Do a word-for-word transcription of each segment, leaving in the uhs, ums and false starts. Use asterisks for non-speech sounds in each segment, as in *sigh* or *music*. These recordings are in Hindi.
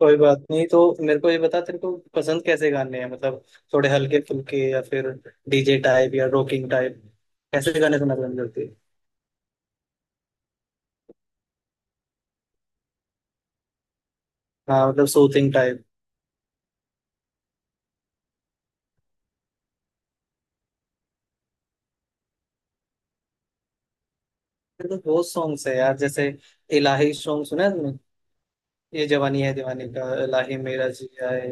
कोई बात नहीं। तो मेरे को ये बता, तेरे को पसंद कैसे गाने हैं? मतलब थोड़े हल्के फुल्के, या फिर डीजे टाइप या रॉकिंग टाइप? कैसे गाने सुनना पसंद करती है? हाँ, मतलब सूथिंग टाइप। तो बहुत सॉन्ग्स है यार, जैसे इलाही सॉन्ग सुना है तुमने? ये जवानी है दीवानी का इलाही मेरा जिया है,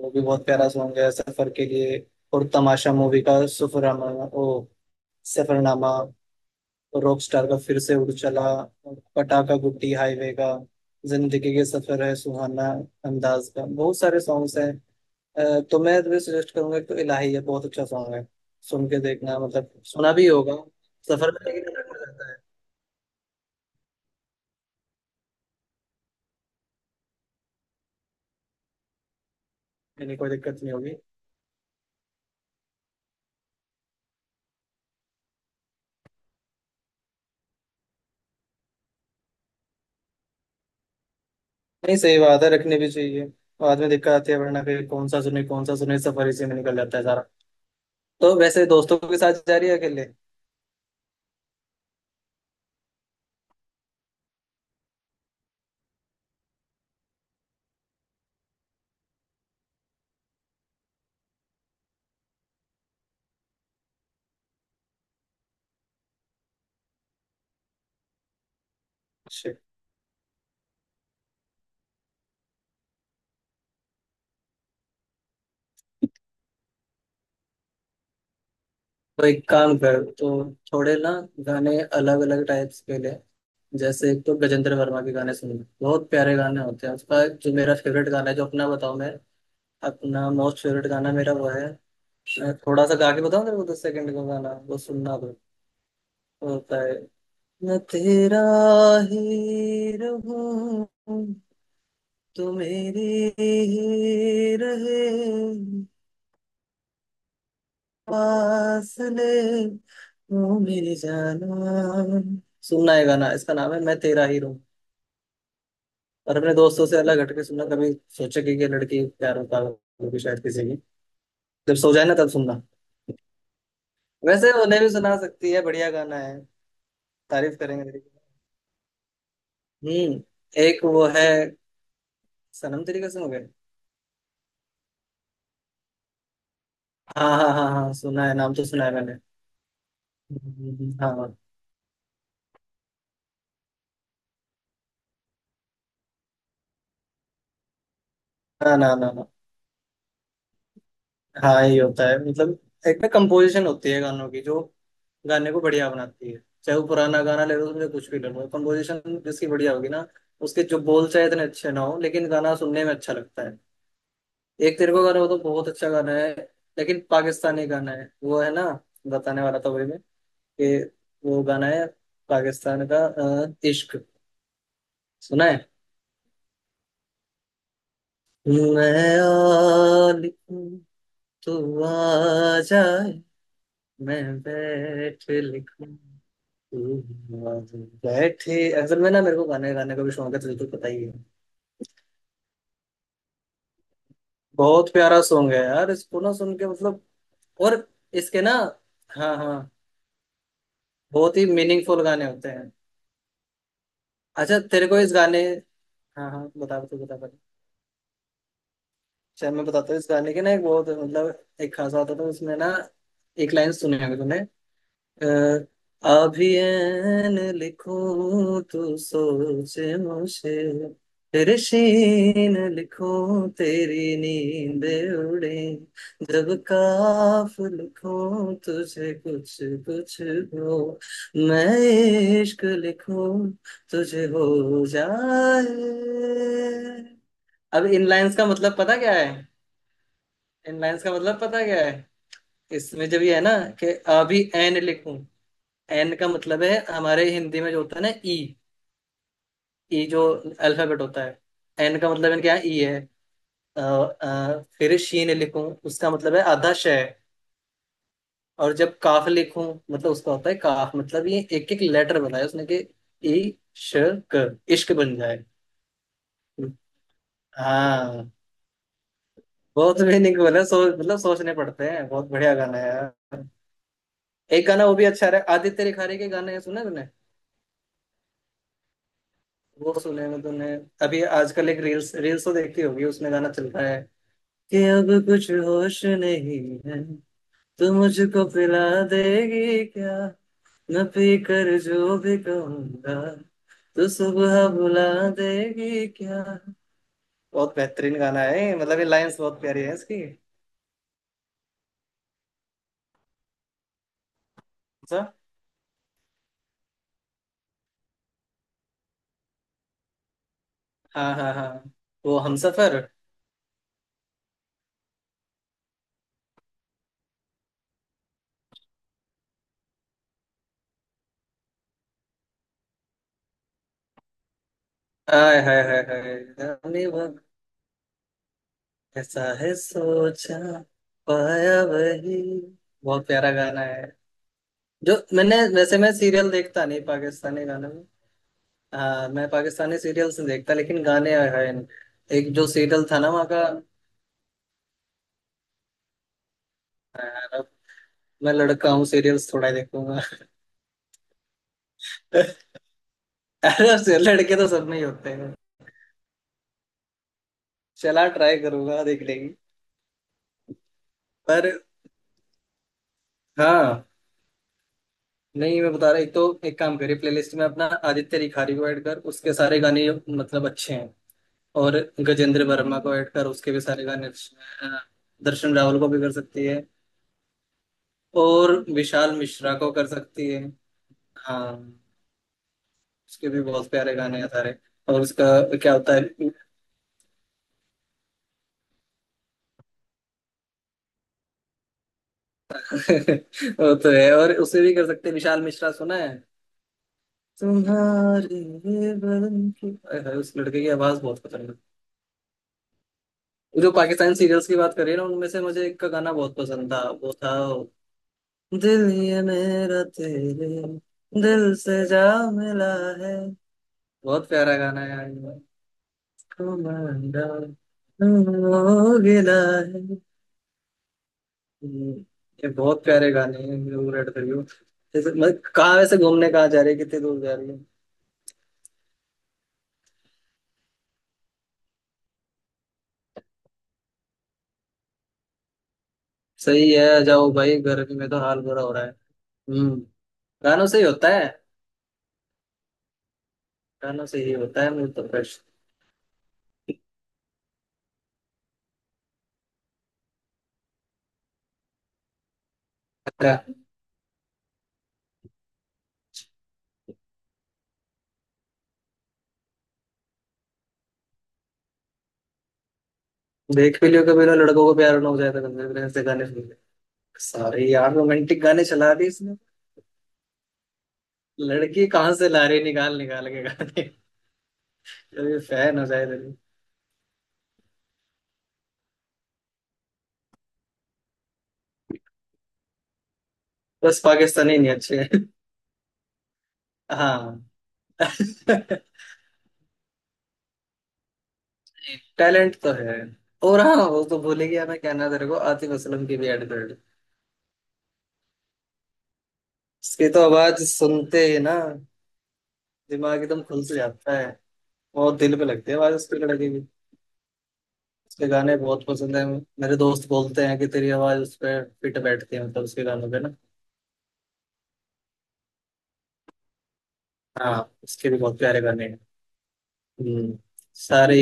वो भी बहुत प्यारा सॉन्ग है सफर के लिए। और तमाशा मूवी का सफरनामा। ओ, सफरनामा। रॉकस्टार का फिर से उड़ चला, पटाखा गुड्डी हाईवे का, जिंदगी के सफर है सुहाना, अंदाज का, बहुत सारे सॉन्ग्स हैं। अ, तो मैं तुम्हें सजेस्ट करूंगा, एक तो इलाही है, बहुत अच्छा सॉन्ग है। सुन के देखना, मतलब सुना भी होगा सफर में, लेकिन रखा जाता है, यानी कोई दिक्कत नहीं होगी। नहीं, सही बात है, रखने भी चाहिए। बाद में दिक्कत आती है, वरना फिर कौन सा सुने कौन सा सुने, सफर इसी में निकल जाता है सारा। तो वैसे दोस्तों के साथ जा रही है, अकेले? अच्छा, तो एक काम कर तो, थोड़े ना गाने अलग अलग टाइप्स के ले। जैसे एक तो गजेंद्र वर्मा के गाने सुनो, बहुत प्यारे गाने होते हैं उसका। जो मेरा फेवरेट गाना है, जो अपना बताऊं मैं? अपना मोस्ट फेवरेट गाना मेरा वो है। मैं थोड़ा सा गा के बताऊं तेरे को, दस सेकंड का गाना, वो सुनना तो। होता है, मैं तेरा ही रहूं, तू मेरी ही रहे, फासले, तू मेरी जाना। सुनना है गाना, इसका नाम है मैं तेरा ही रहूं। और अपने दोस्तों से अलग हटके सुनना कभी। सोचा कि ये लड़की प्यार होता होगी शायद किसी की, जब सो जाए ना तब सुनना। वैसे उन्हें भी सुना सकती है, बढ़िया गाना है, तारीफ करेंगे तेरी। हम्म। एक वो है, सनम तेरी कसम हो गए। हाँ हाँ हाँ हाँ, सुना है, नाम तो सुना है मैंने। हम्म, हाँ। हाँ, ना ना ना। हाँ, ये होता है मतलब, एक ना कंपोजिशन होती है गानों की जो गाने को बढ़िया बनाती है। चाहे वो पुराना गाना ले लो, उसमें कुछ भी ले लो, कंपोजिशन जिसकी बढ़िया होगी ना, उसके जो बोल चाहे इतने अच्छे ना हो, लेकिन गाना सुनने में अच्छा लगता है। एक तेरे को गाना, वो तो बहुत अच्छा गाना है, लेकिन पाकिस्तानी गाना है वो, है ना? बताने वाला था वही मैं कि वो गाना है पाकिस्तान का, अ, इश्क। सुना है, मैं आ लिखूं तू आ जाए, मैं बैठ लिखूं तू आ जाए। बैठे, असल में ना मेरे को गाने गाने का भी शौक है, तुझे तो पता ही है। बहुत प्यारा सॉन्ग है यार, इसको ना सुन के मतलब, और इसके ना, हाँ हाँ, बहुत ही मीनिंगफुल गाने होते हैं। अच्छा, तेरे को इस गाने, हाँ हाँ, बता बता बता बता। शायद मैं बताता हूँ, इस गाने के ना एक बहुत मतलब एक खासा आता था उसमें ना, एक लाइन सुनी होगी तुमने। अ, अभी ऐन लिखूं तू सोच मुझे, फिर शीन लिखूं तेरी नींद उड़े, जब काफ लिखूं तुझे कुछ कुछ हो, मैं इश्क लिखूं तुझे हो जाए। अब इनलाइंस का मतलब पता क्या है? इनलाइंस का मतलब पता क्या है? इसमें जब ये है ना, कि अभी एन लिखूं, एन का मतलब है हमारे हिंदी में जो होता है ना ई, ई जो अल्फाबेट होता है। एन का मतलब है क्या? ई है। अ, अ, फिर शीन लिखूं, उसका मतलब है आधा श है। और जब काफ लिखूं, मतलब उसका होता है काफ। मतलब ये एक एक लेटर बनाया उसने कि ई, श, क, इश्क बन जाए। हाँ, बहुत मीनिंग बोला, सो मतलब सोचने पड़ते हैं, बहुत बढ़िया गाना है यार। एक गाना वो भी अच्छा रहा, आदित्य रिखारे के गाने सुने तूने? वो सुने मैं तूने, अभी आजकल एक रील्स, रील्स तो देखती होगी, उसमें गाना चल रहा है, कि अब कुछ होश नहीं है तो मुझको पिला देगी क्या, न पी कर जो भी कहूंगा तो सुबह बुला देगी क्या। बहुत बेहतरीन गाना है, मतलब ये लाइंस बहुत प्यारी है इसकी। अच्छा, हाँ हाँ हाँ, वो हमसफर, आय हाय हाय हाय। ऐसा है सोचा पाया वही, बहुत प्यारा गाना है। जो मैंने, वैसे मैं सीरियल देखता नहीं पाकिस्तानी गाने में। हाँ, मैं पाकिस्तानी सीरियल्स नहीं देखता, लेकिन गाने हैं। एक जो सीरियल था ना वहाँ का, अरब, मैं लड़का हूँ, सीरियल्स थोड़ा ही देखूंगा। *laughs* अरब से लड़के तो सब में ही होते हैं। चला, ट्राई करूंगा देखने की। पर हाँ, नहीं मैं बता रहा, एक तो एक काम करिए, प्लेलिस्ट में अपना आदित्य रिखारी को ऐड कर, उसके सारे गाने मतलब अच्छे हैं। और गजेंद्र वर्मा को ऐड कर, उसके भी सारे गाने। अ, दर्शन रावल को भी कर सकती है, और विशाल मिश्रा को कर सकती है। हाँ, उसके भी बहुत प्यारे गाने हैं सारे। और उसका क्या होता है। *laughs* वो तो है, और उसे भी कर सकते हैं, विशाल मिश्रा सुना है, तुम्हारे बदन की। अरे भाई, उस लड़के की आवाज बहुत पसंद है। वो जो पाकिस्तान सीरियल्स की बात करिए ना, उनमें से मुझे एक का गाना बहुत पसंद था, वो था दिल ये मेरा तेरे दिल से जा मिला है। बहुत प्यारा गाना है यार ये। कमांडा हो गिला है। ये बहुत प्यारे गाने हैं ब्लू रेड फिल्म जैसे, मतलब कहाँ वैसे घूमने कहाँ जा रही है, कितनी दूर जा रही है? सही है, जाओ भाई, गर्मी में तो हाल बुरा हो रहा है। हम्म, गानों से ही होता है, गानों से ही होता है मुझे तो crush। अच्छा, देख भी लियो कभी ना लड़कों को प्यार ना हो जाए तो, कभी भी ऐसे गाने सुन ले, सारे यार रोमांटिक गाने चला दिए इसने। लड़की कहाँ से ला रही, निकाल निकाल के गाने, कभी फैन हो जाए तो। बस पाकिस्तानी नहीं, अच्छे हैं। हाँ। *laughs* टैलेंट तो है। और हाँ, वो तो भूल ही गया मैं कहना तेरे को, आतिफ असलम की भी एड कर। उसकी तो आवाज सुनते ही ना, दिमाग एकदम खुल से जाता है। बहुत दिल पे लगती है आवाज उसकी, लड़की की। उसके गाने बहुत पसंद है, मेरे दोस्त बोलते हैं कि तेरी आवाज उस पर फिट बैठती है, मतलब उसके गानों पे ना। हाँ, उसके भी बहुत प्यारे गाने हैं। हम्म, सारे।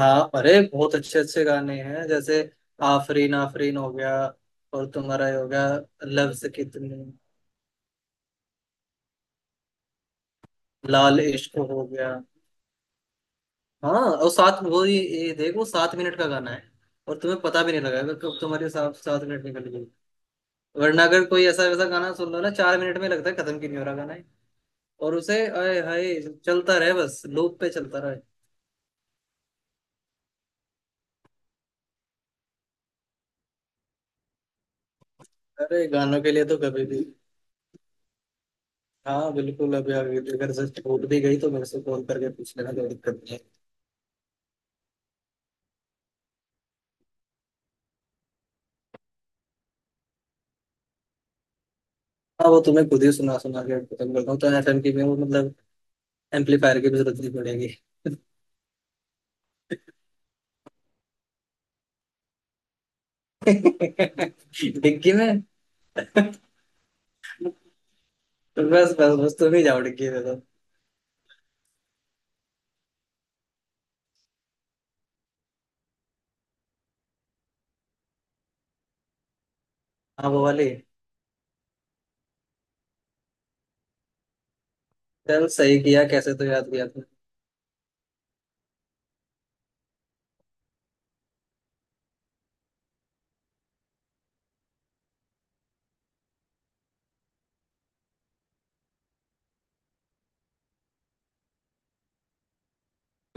हाँ अरे, बहुत अच्छे अच्छे गाने हैं जैसे आफरीन आफरीन हो गया। और तुम्हारा ये हो गया लफ्ज कितनी, लाल इश्क हो गया। हाँ, और सात वो ये, ये देखो सात मिनट का गाना है, और तुम्हें पता भी नहीं लगेगा कब तुम्हारे साथ सात मिनट निकल गई। वरना अगर कोई ऐसा वैसा गाना सुन लो ना चार मिनट में, लगता है खत्म क्यों नहीं हो रहा गाना है। और उसे आए हाय, चलता रहे बस, लूप पे चलता रहे। अरे गानों के लिए तो कभी भी, हाँ बिल्कुल, अभी अभी अगर से छूट भी गई तो मेरे से फोन करके पूछ लेना, कोई दिक्कत नहीं है। हाँ, वो तुम्हें खुद ही सुना सुना के खत्म करता हूँ तो एफएम की में, वो मतलब एम्पलीफायर की भी जरूरत नहीं पड़ेगी। *laughs* डिग्गी में। *laughs* तो बस बस बस तुम ही जाओ डिग्गी में तो। हाँ, वो वाली। चल, सही किया, कैसे तो याद किया तुमने।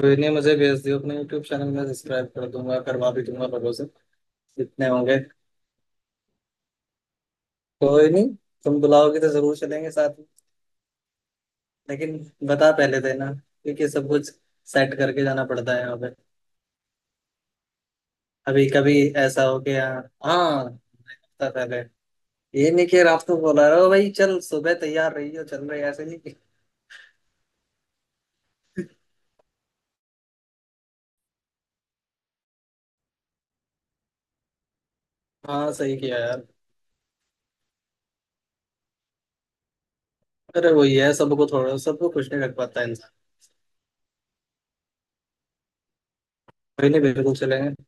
कोई नहीं, मुझे भेज दियो अपने यूट्यूब चैनल में, सब्सक्राइब कर दूंगा, करवा भी दूंगा लोगों से जितने होंगे। कोई नहीं, तुम बुलाओगे तो जरूर चलेंगे साथ में, लेकिन बता पहले देना क्योंकि सब कुछ सेट करके जाना पड़ता है यहाँ पे। अभी कभी ऐसा हो गया। हाँ, एक हफ्ता पहले, ये नहीं कि रात को बोला रहे हो भाई चल सुबह तैयार रही हो चल रही है", ऐसे नहीं कि। हाँ, सही किया यार, अरे वही है, सबको थोड़ा, सबको कुछ नहीं रख पाता इंसान। कोई नहीं, बिल्कुल चलेंगे।